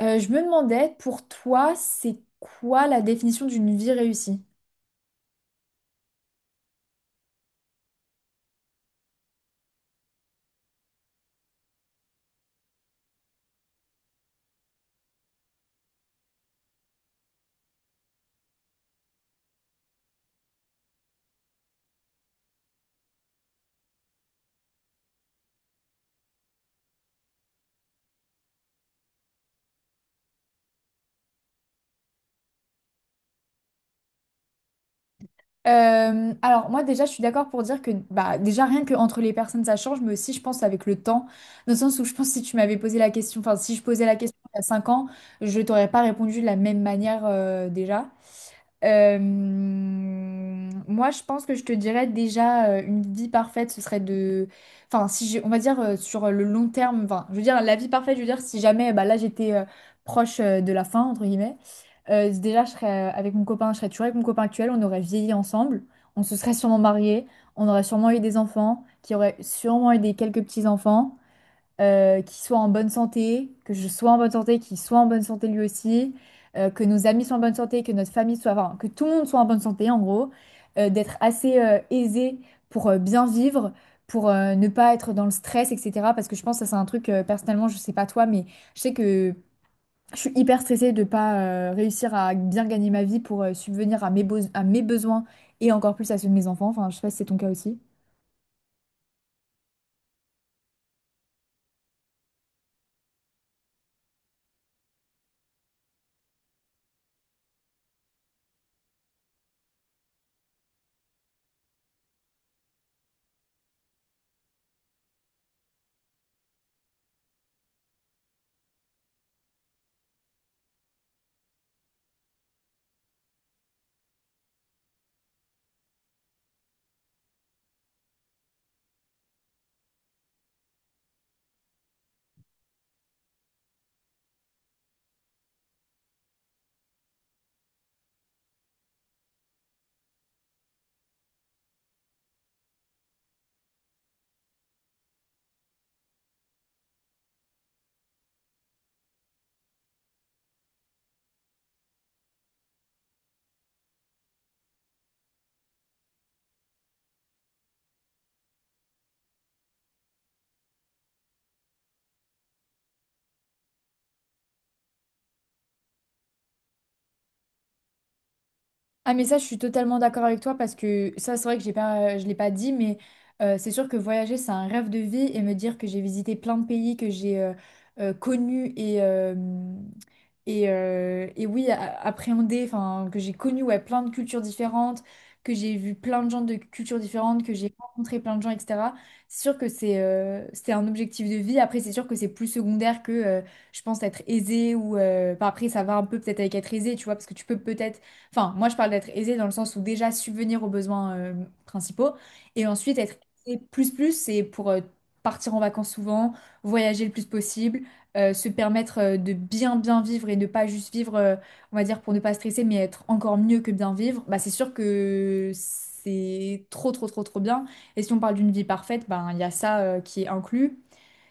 Je me demandais, pour toi, c'est quoi la définition d'une vie réussie? Alors moi déjà je suis d'accord pour dire que bah déjà rien que entre les personnes ça change, mais aussi je pense avec le temps, dans le sens où je pense que si tu m'avais posé la question, enfin si je posais la question il y a 5 ans, je t'aurais pas répondu de la même manière, déjà. Moi, je pense que je te dirais déjà, une vie parfaite, ce serait de, enfin, si j'ai- on va dire, sur le long terme, enfin, je veux dire la vie parfaite, je veux dire si jamais, bah là, j'étais, proche, de la fin entre guillemets. Déjà, je serais, avec mon copain, je serais toujours avec mon copain actuel, on aurait vieilli ensemble, on se serait sûrement mariés, on aurait sûrement eu des enfants, qui auraient sûrement eu des quelques petits enfants, qu'il soit en bonne santé, que je sois en bonne santé, qu'il soit en bonne santé lui aussi, que nos amis soient en bonne santé, que notre famille soit, enfin, que tout le monde soit en bonne santé, en gros, d'être assez, aisé pour, bien vivre, pour ne pas être dans le stress, etc. Parce que je pense que ça, c'est un truc, personnellement, je sais pas toi, mais je sais que je suis hyper stressée de pas réussir à bien gagner ma vie pour subvenir à mes besoins et encore plus à ceux de mes enfants. Enfin, je sais pas si c'est ton cas aussi. Ah mais ça, je suis totalement d'accord avec toi parce que ça, c'est vrai que j'ai pas, je l'ai pas dit, mais c'est sûr que voyager, c'est un rêve de vie et me dire que j'ai visité plein de pays que j'ai connus et oui, appréhendé, enfin, que j'ai connu, ouais, plein de cultures différentes, que j'ai vu plein de gens de cultures différentes, que j'ai rencontré plein de gens, etc. C'est sûr que c'est un objectif de vie. Après, c'est sûr que c'est plus secondaire que je pense être aisé ou enfin, après, ça va un peu peut-être avec être aisé, tu vois, parce que tu peux peut-être. Enfin, moi, je parle d'être aisé dans le sens où déjà subvenir aux besoins, principaux. Et ensuite, être aisé plus plus, c'est pour partir en vacances souvent, voyager le plus possible, se permettre, de bien bien vivre et de pas juste vivre, on va dire, pour ne pas stresser, mais être encore mieux que bien vivre. Bah, c'est sûr que c'est trop trop trop trop bien. Et si on parle d'une vie parfaite, ben, il y a ça, qui est inclus.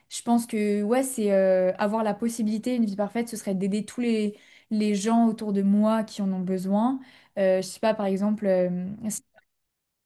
Je pense que, ouais, c'est avoir la possibilité, une vie parfaite, ce serait d'aider tous les gens autour de moi qui en ont besoin. Je sais pas, par exemple,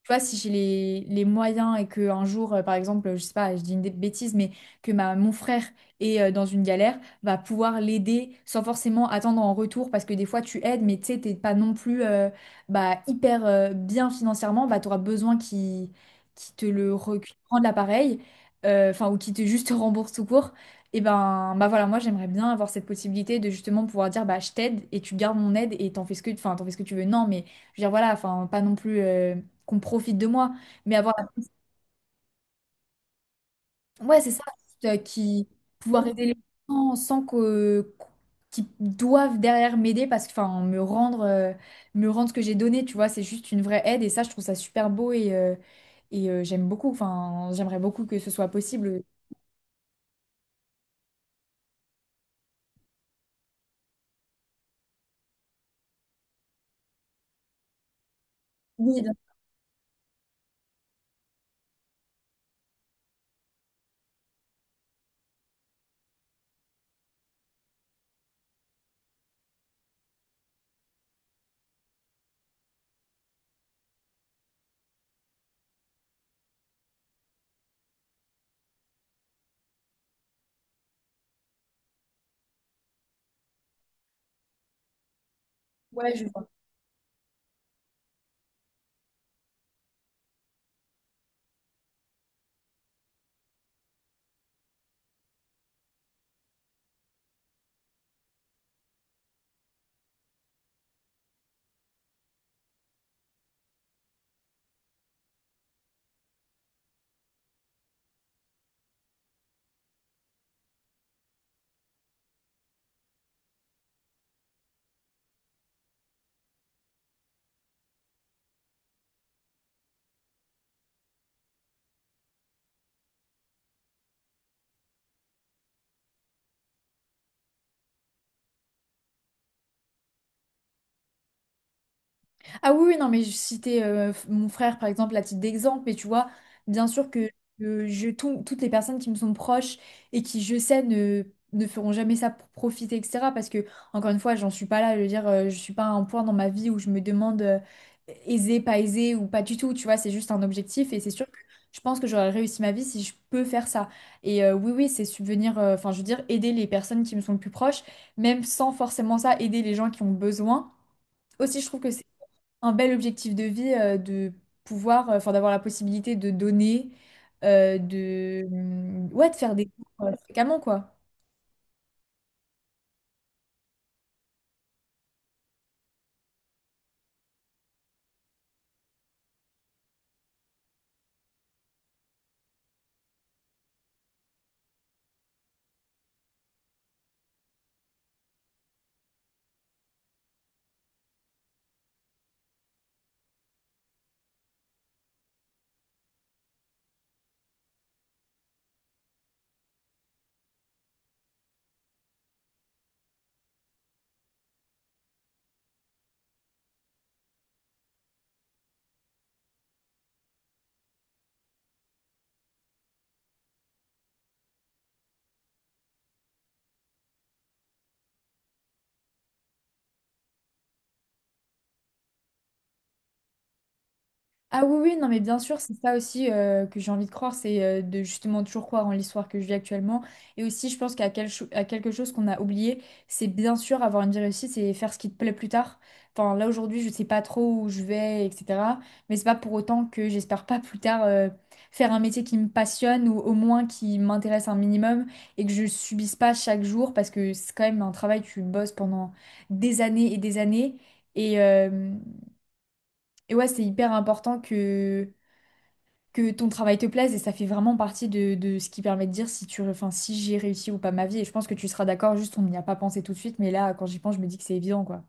tu vois, si j'ai les moyens et que un jour, par exemple, je sais pas, je dis une bêtise, mais que mon frère est, dans une galère, va pouvoir l'aider sans forcément attendre en retour, parce que des fois tu aides, mais tu sais, t'es pas non plus, bah, hyper bien financièrement, bah, tu auras besoin qu'il te rende l'appareil, enfin, ou qu'il te juste rembourse tout court. Et ben, bah voilà, moi j'aimerais bien avoir cette possibilité de justement pouvoir dire, bah je t'aide et tu gardes mon aide et t'en fais ce que, enfin, t'en fais ce que tu veux. Non, mais je veux dire, voilà, enfin, pas non plus, qu'on profite de moi. Mais avoir, ouais, c'est ça, juste, pouvoir aider les gens sans qu'ils doivent derrière m'aider parce que, enfin, me rendre ce que j'ai donné, tu vois, c'est juste une vraie aide et ça, je trouve ça super beau, enfin, j'aimerais beaucoup que ce soit possible. Oui, bien sûr, ouais, je vois. Ah oui, oui, non, mais je citais, mon frère, par exemple, à titre d'exemple, mais tu vois, bien sûr que toutes les personnes qui me sont proches et qui, je sais, ne feront jamais ça pour profiter, etc. Parce que, encore une fois, j'en suis pas là, je veux dire, je suis pas à un point dans ma vie où je me demande, aisé, pas aisé ou pas du tout, tu vois, c'est juste un objectif et c'est sûr que je pense que j'aurais réussi ma vie si je peux faire ça. Oui, oui, c'est subvenir, enfin, je veux dire, aider les personnes qui me sont le plus proches, même sans forcément ça, aider les gens qui ont besoin. Aussi, je trouve que c'est un bel objectif de vie, de enfin d'avoir la possibilité de donner, ouais, de faire des cours, fréquemment, quoi. Ah oui, oui, non, mais bien sûr, c'est ça aussi, que j'ai envie de croire, c'est de justement toujours croire en l'histoire que je vis actuellement. Et aussi, je pense à quelque chose qu'on a oublié, c'est bien sûr avoir une vie réussite, c'est faire ce qui te plaît plus tard. Enfin, là aujourd'hui, je sais pas trop où je vais, etc. Mais c'est pas pour autant que j'espère pas plus tard, faire un métier qui me passionne ou au moins qui m'intéresse un minimum et que je subisse pas chaque jour, parce que c'est quand même un travail, tu bosses pendant des années et des années. Et, euh, et ouais, c'est hyper important que ton travail te plaise et ça fait vraiment partie de ce qui permet de dire si tu, enfin, si j'ai réussi ou pas ma vie. Et je pense que tu seras d'accord, juste on n'y a pas pensé tout de suite, mais là, quand j'y pense, je me dis que c'est évident, quoi.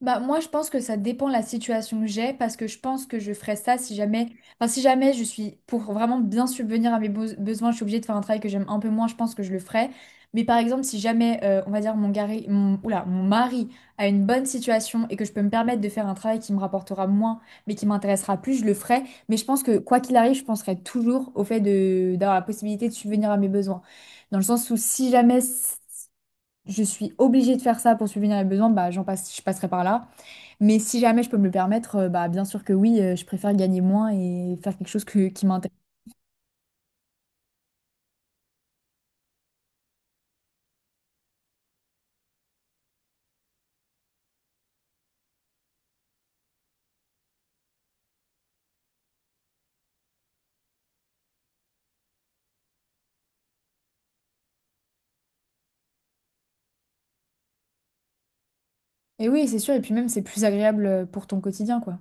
Bah, moi, je pense que ça dépend de la situation que j'ai, parce que je pense que je ferais ça si jamais, enfin, si jamais je suis, pour vraiment bien subvenir à mes besoins, je suis obligée de faire un travail que j'aime un peu moins, je pense que je le ferais. Mais par exemple, si jamais, on va dire, mon, gari- mon, oula, mon mari a une bonne situation et que je peux me permettre de faire un travail qui me rapportera moins, mais qui m'intéressera plus, je le ferai. Mais je pense que, quoi qu'il arrive, je penserai toujours au fait d'avoir la possibilité de subvenir à mes besoins. Dans le sens où si jamais, je suis obligée de faire ça pour subvenir à mes besoins, bah, je passerai par là. Mais si jamais je peux me le permettre, bah bien sûr que oui, je préfère gagner moins et faire quelque chose qui m'intéresse. Et oui, c'est sûr, et puis même c'est plus agréable, pour ton quotidien, quoi.